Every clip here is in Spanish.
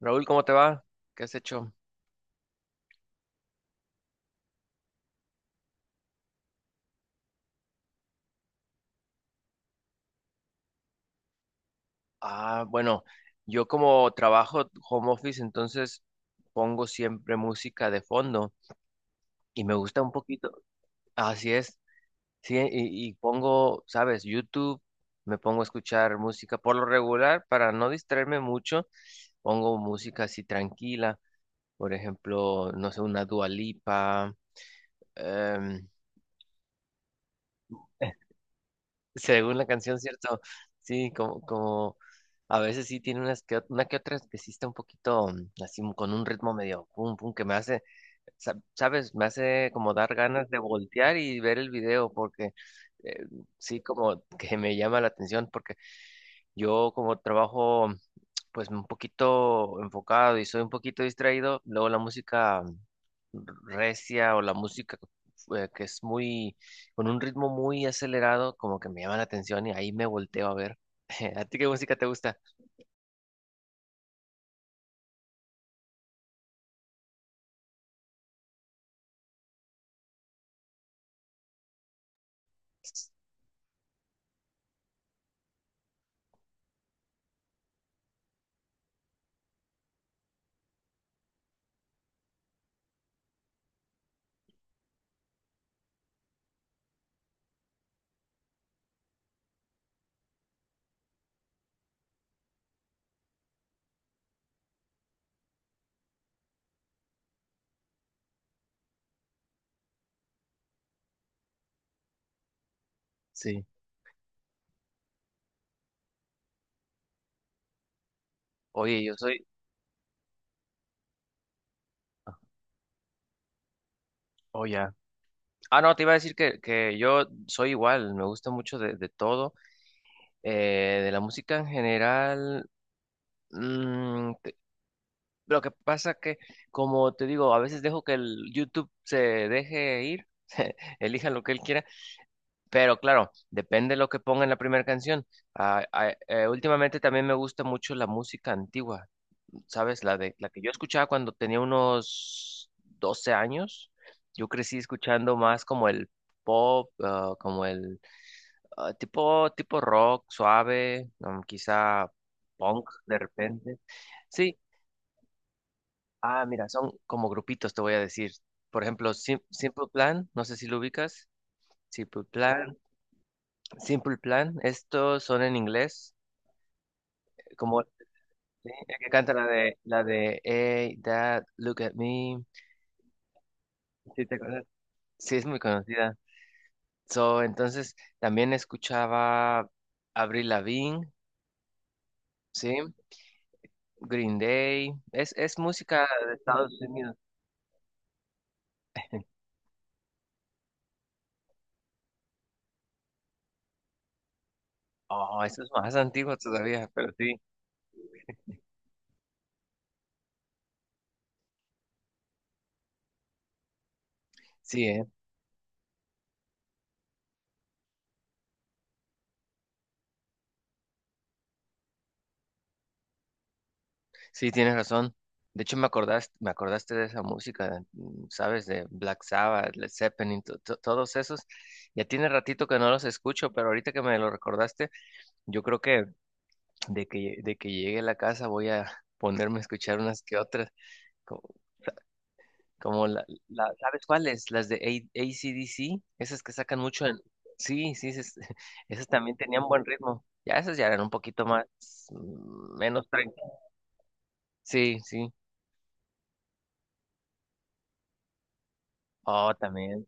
Raúl, ¿cómo te va? ¿Qué has hecho? Ah, bueno, yo como trabajo home office, entonces pongo siempre música de fondo y me gusta un poquito. Así es, sí, y pongo, sabes, YouTube, me pongo a escuchar música por lo regular para no distraerme mucho, pongo música así tranquila, por ejemplo, no sé, una Dua Lipa. em, Según la canción, ¿cierto? Sí, como a veces sí tiene unas que, una que otra que sí está un poquito, así, con un ritmo medio pum pum que me hace, ¿sabes? Me hace como dar ganas de voltear y ver el video porque, eh, sí, como que me llama la atención porque yo como trabajo pues un poquito enfocado y soy un poquito distraído. Luego la música recia o la música, que es muy, con un ritmo muy acelerado, como que me llama la atención y ahí me volteo a ver. ¿A ti qué música te gusta? Sí. Oye, yo soy, oh, ya. Ah, no, te iba a decir que, yo soy igual, me gusta mucho de todo, de la música en general. mm, Lo que pasa que, como te digo, a veces dejo que el YouTube se deje ir, elija lo que él quiera, pero claro, depende de lo que ponga en la primera canción. Últimamente también me gusta mucho la música antigua, ¿sabes? La que yo escuchaba cuando tenía unos 12 años. Yo crecí escuchando más como el pop, como el, tipo rock suave, quizá punk de repente. Sí. Ah, mira, son como grupitos, te voy a decir. Por ejemplo, Simple Plan, no sé si lo ubicas. Simple Plan, Simple Plan, estos son en inglés, como sí, el que canta la de Hey, Dad, look at me. Sí, te acuerdas. Sí, es muy conocida. So, entonces también escuchaba Avril Lavigne, sí, Green Day. Es música de Estados Unidos. Oh, eso es más antiguo todavía, pero sí. Sí, ¿eh? Sí, tienes razón. De hecho, me acordaste de esa música, mm, ¿sabes? De Black Sabbath, Led Zeppelin, todos esos. Ya tiene ratito que no los escucho, pero ahorita que me lo recordaste, yo creo que, de que llegue a la casa, voy a ponerme a escuchar unas que otras. co- Como, ¿sabes cuáles? Las de AC/DC, esas que sacan mucho en. Sí, sí, esas, esas también tenían buen ritmo. Ya esas ya eran un poquito más, menos tranquilas. Sí, sí. Oh, también.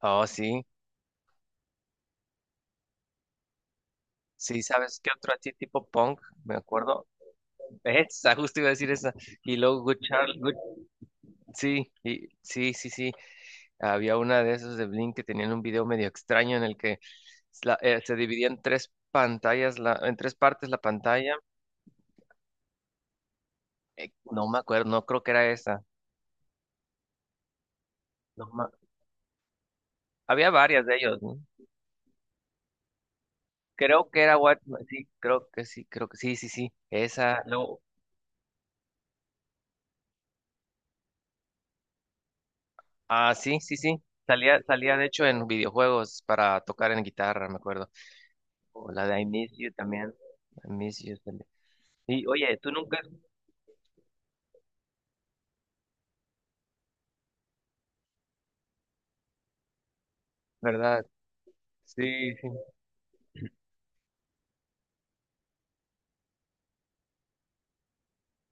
Oh, sí. Sí, ¿sabes qué otro así tipo punk? Me acuerdo. Esa, justo iba a decir esa. Y luego Good Charlie. Sí, sí, sí, sí. Había una de esos de Blink que tenían un video medio extraño en el que, se dividía en tres pantallas, en tres partes la pantalla. No me acuerdo, no creo que era esa. No, había varias de ellos, ¿no? Creo que era What, sí, creo que sí, creo que sí, sí, sí. Esa, luego, ah, sí, sí, sí. Salía de hecho en videojuegos para tocar en guitarra, me acuerdo. O la de I Miss You también. I Miss You también. Y oye, tú nunca, ¿verdad? Sí, sí.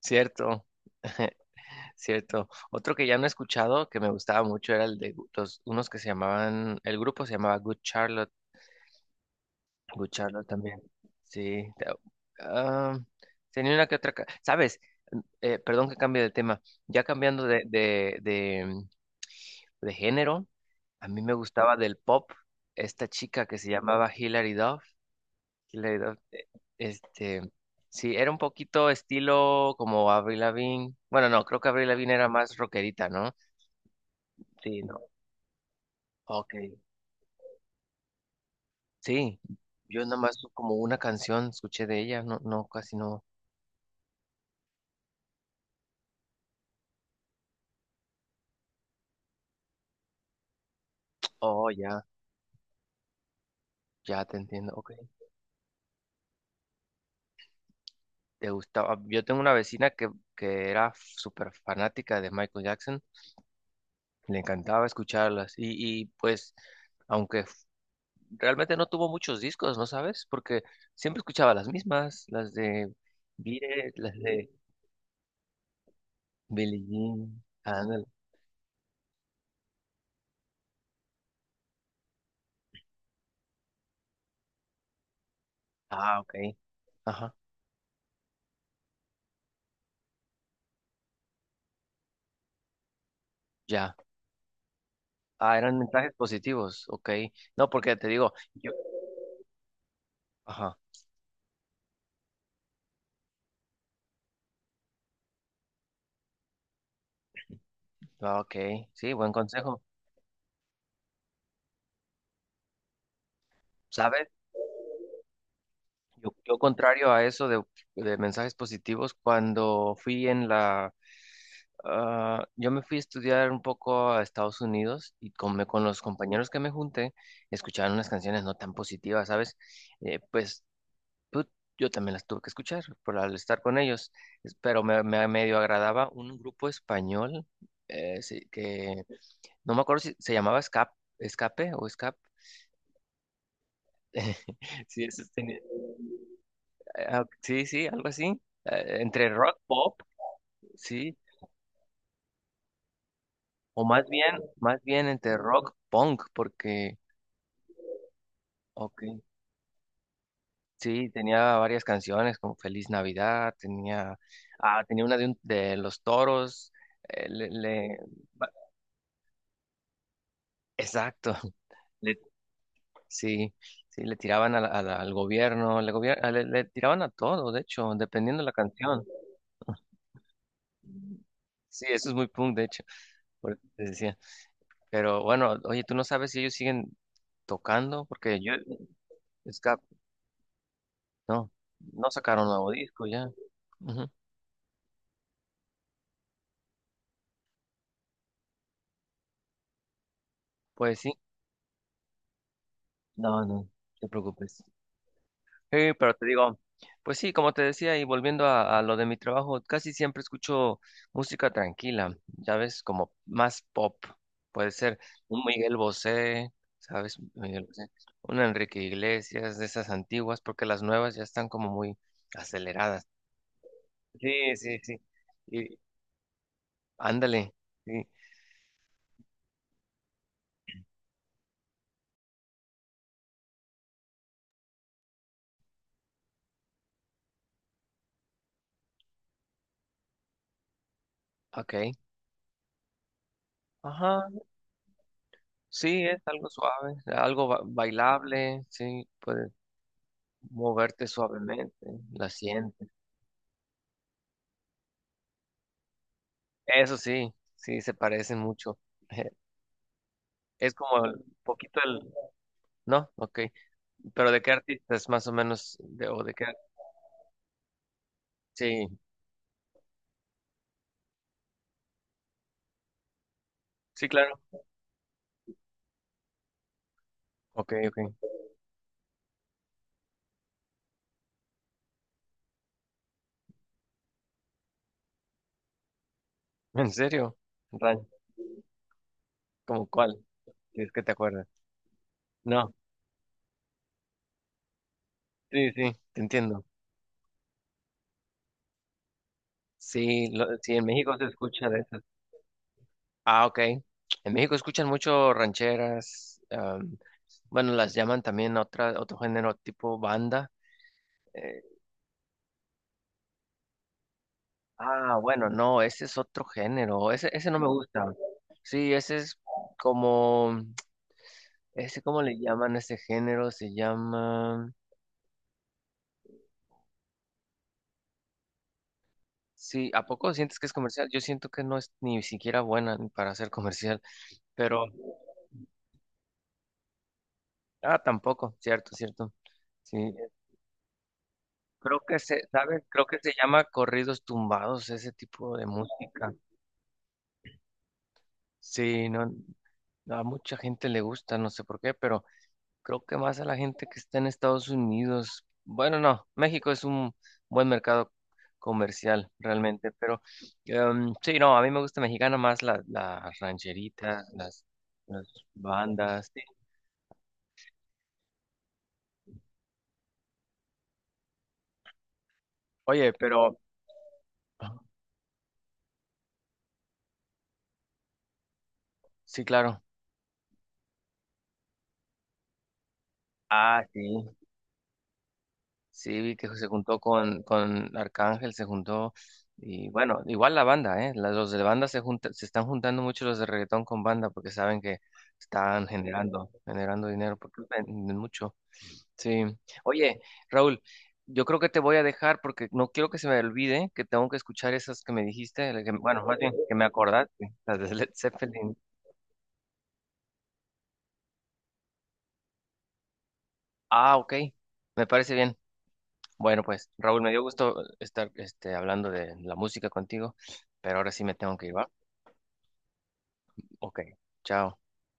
Cierto, cierto. Otro que ya no he escuchado que me gustaba mucho era el de, unos que se llamaban, el grupo se llamaba Good Charlotte. Good Charlotte también. Sí, ah, tenía una que otra. ¿Sabes? Perdón que cambie de tema. Ya cambiando de, género, a mí me gustaba del pop esta chica que se llamaba Hilary Duff. Killer Dove. Este, sí, era un poquito estilo como Avril Lavigne. Bueno, no, creo que Avril Lavigne era más rockerita, ¿no? Sí, no. Ok. Sí, yo nada más como una canción escuché de ella, no, no, casi no. Oh, ya, ya te entiendo. Ok. ¿Te gustaba? Yo tengo una vecina que era súper fanática de Michael Jackson. Le encantaba escucharlas. Y pues, aunque realmente no tuvo muchos discos, ¿no sabes? Porque siempre escuchaba las mismas, las de Vire, las de Billie Jean. Ándale. Ah, ok. Ajá, ya. Ah, eran mensajes positivos, ok. No, porque te digo, yo, ajá, ah, ok, sí, buen consejo. ¿Sabes? Yo contrario a eso de mensajes positivos, cuando fui en la. Yo me fui a estudiar un poco a Estados Unidos y con los compañeros que me junté, escuchaban unas canciones no tan positivas, ¿sabes? Pues, tú- yo también las tuve que escuchar por al estar con ellos. Pero me medio agradaba un grupo español, sí, que no me acuerdo si se llamaba Escape, Escape o Escape. Sí, eso tenía. Ah, sí, sí, algo así. Entre rock pop, sí. O más bien entre rock punk, porque, ok, sí, tenía varias canciones como Feliz Navidad, tenía, tenía una de Los Toros. eh, le, le- ba- exacto. le- sí, sí, le tiraban a al gobierno, le, gobier- ah, le tiraban a todo, de hecho, dependiendo de la canción. Sí, eso es muy punk, de hecho, por eso te decía. Pero bueno, oye, tú no sabes si ellos siguen tocando, porque yo, Scap, no, no sacaron nuevo disco ya. Ujú. Pues sí, no, no, no te preocupes. Sí, pero te digo, pues sí, como te decía, y volviendo a lo de mi trabajo, casi siempre escucho música tranquila, ya ves, como más pop. Puede ser un Miguel Bosé, ¿sabes? Miguel Bosé, un Enrique Iglesias, de esas antiguas, porque las nuevas ya están como muy aceleradas. Sí, sí, sí. Ándale, sí, ok. Ajá, sí, es algo suave, algo bailable, sí, puedes moverte suavemente, la sientes. Eso sí, sí, se parecen mucho. Es como el poquito el, ¿no? Ok. Pero ¿de qué artistas más o menos? De, ¿o de qué? Sí, sí, claro. Ok, ok. ¿En serio? Ray, ¿cómo cuál? Si es que te acuerdas. No, sí, sí, te entiendo. Sí, sí, en México se escucha de eso. Ah, ok. En México escuchan mucho rancheras. Bueno, las llaman también otro género tipo banda. Eh, bueno, no, ese es otro género. Ese no me gusta. Sí, ese es como, ese, ¿cómo le llaman a ese género? Se llama. Sí, ¿a poco sientes que es comercial? Yo siento que no es ni siquiera buena ni para ser comercial, pero. Ah, tampoco, cierto, cierto. Sí, creo que se, ¿sabes? Creo que se llama corridos tumbados, ese tipo de música. Sí, no, a mucha gente le gusta, no sé por qué, pero creo que más a la gente que está en Estados Unidos. Bueno, no, México es un buen mercado comercial realmente, pero, sí, no, a mí me gusta mexicana más las rancheritas, las bandas. Sí. Oye, pero. Sí, claro. Ah, sí. Sí, vi que se juntó con Arcángel, se juntó, y bueno, igual la banda, ¿eh? Los de banda se están juntando mucho los de reggaetón con banda porque saben que están generando dinero, porque venden mucho. Sí. Oye, Raúl, yo creo que te voy a dejar porque no quiero que se me olvide que tengo que escuchar esas que me dijiste, bueno, más bien que me acordaste, las de Led Zeppelin. Ah, ok, me parece bien. Bueno, pues Raúl, me dio gusto estar este, hablando de la música contigo, pero ahora sí me tengo que ir, ¿va? Ok, chao.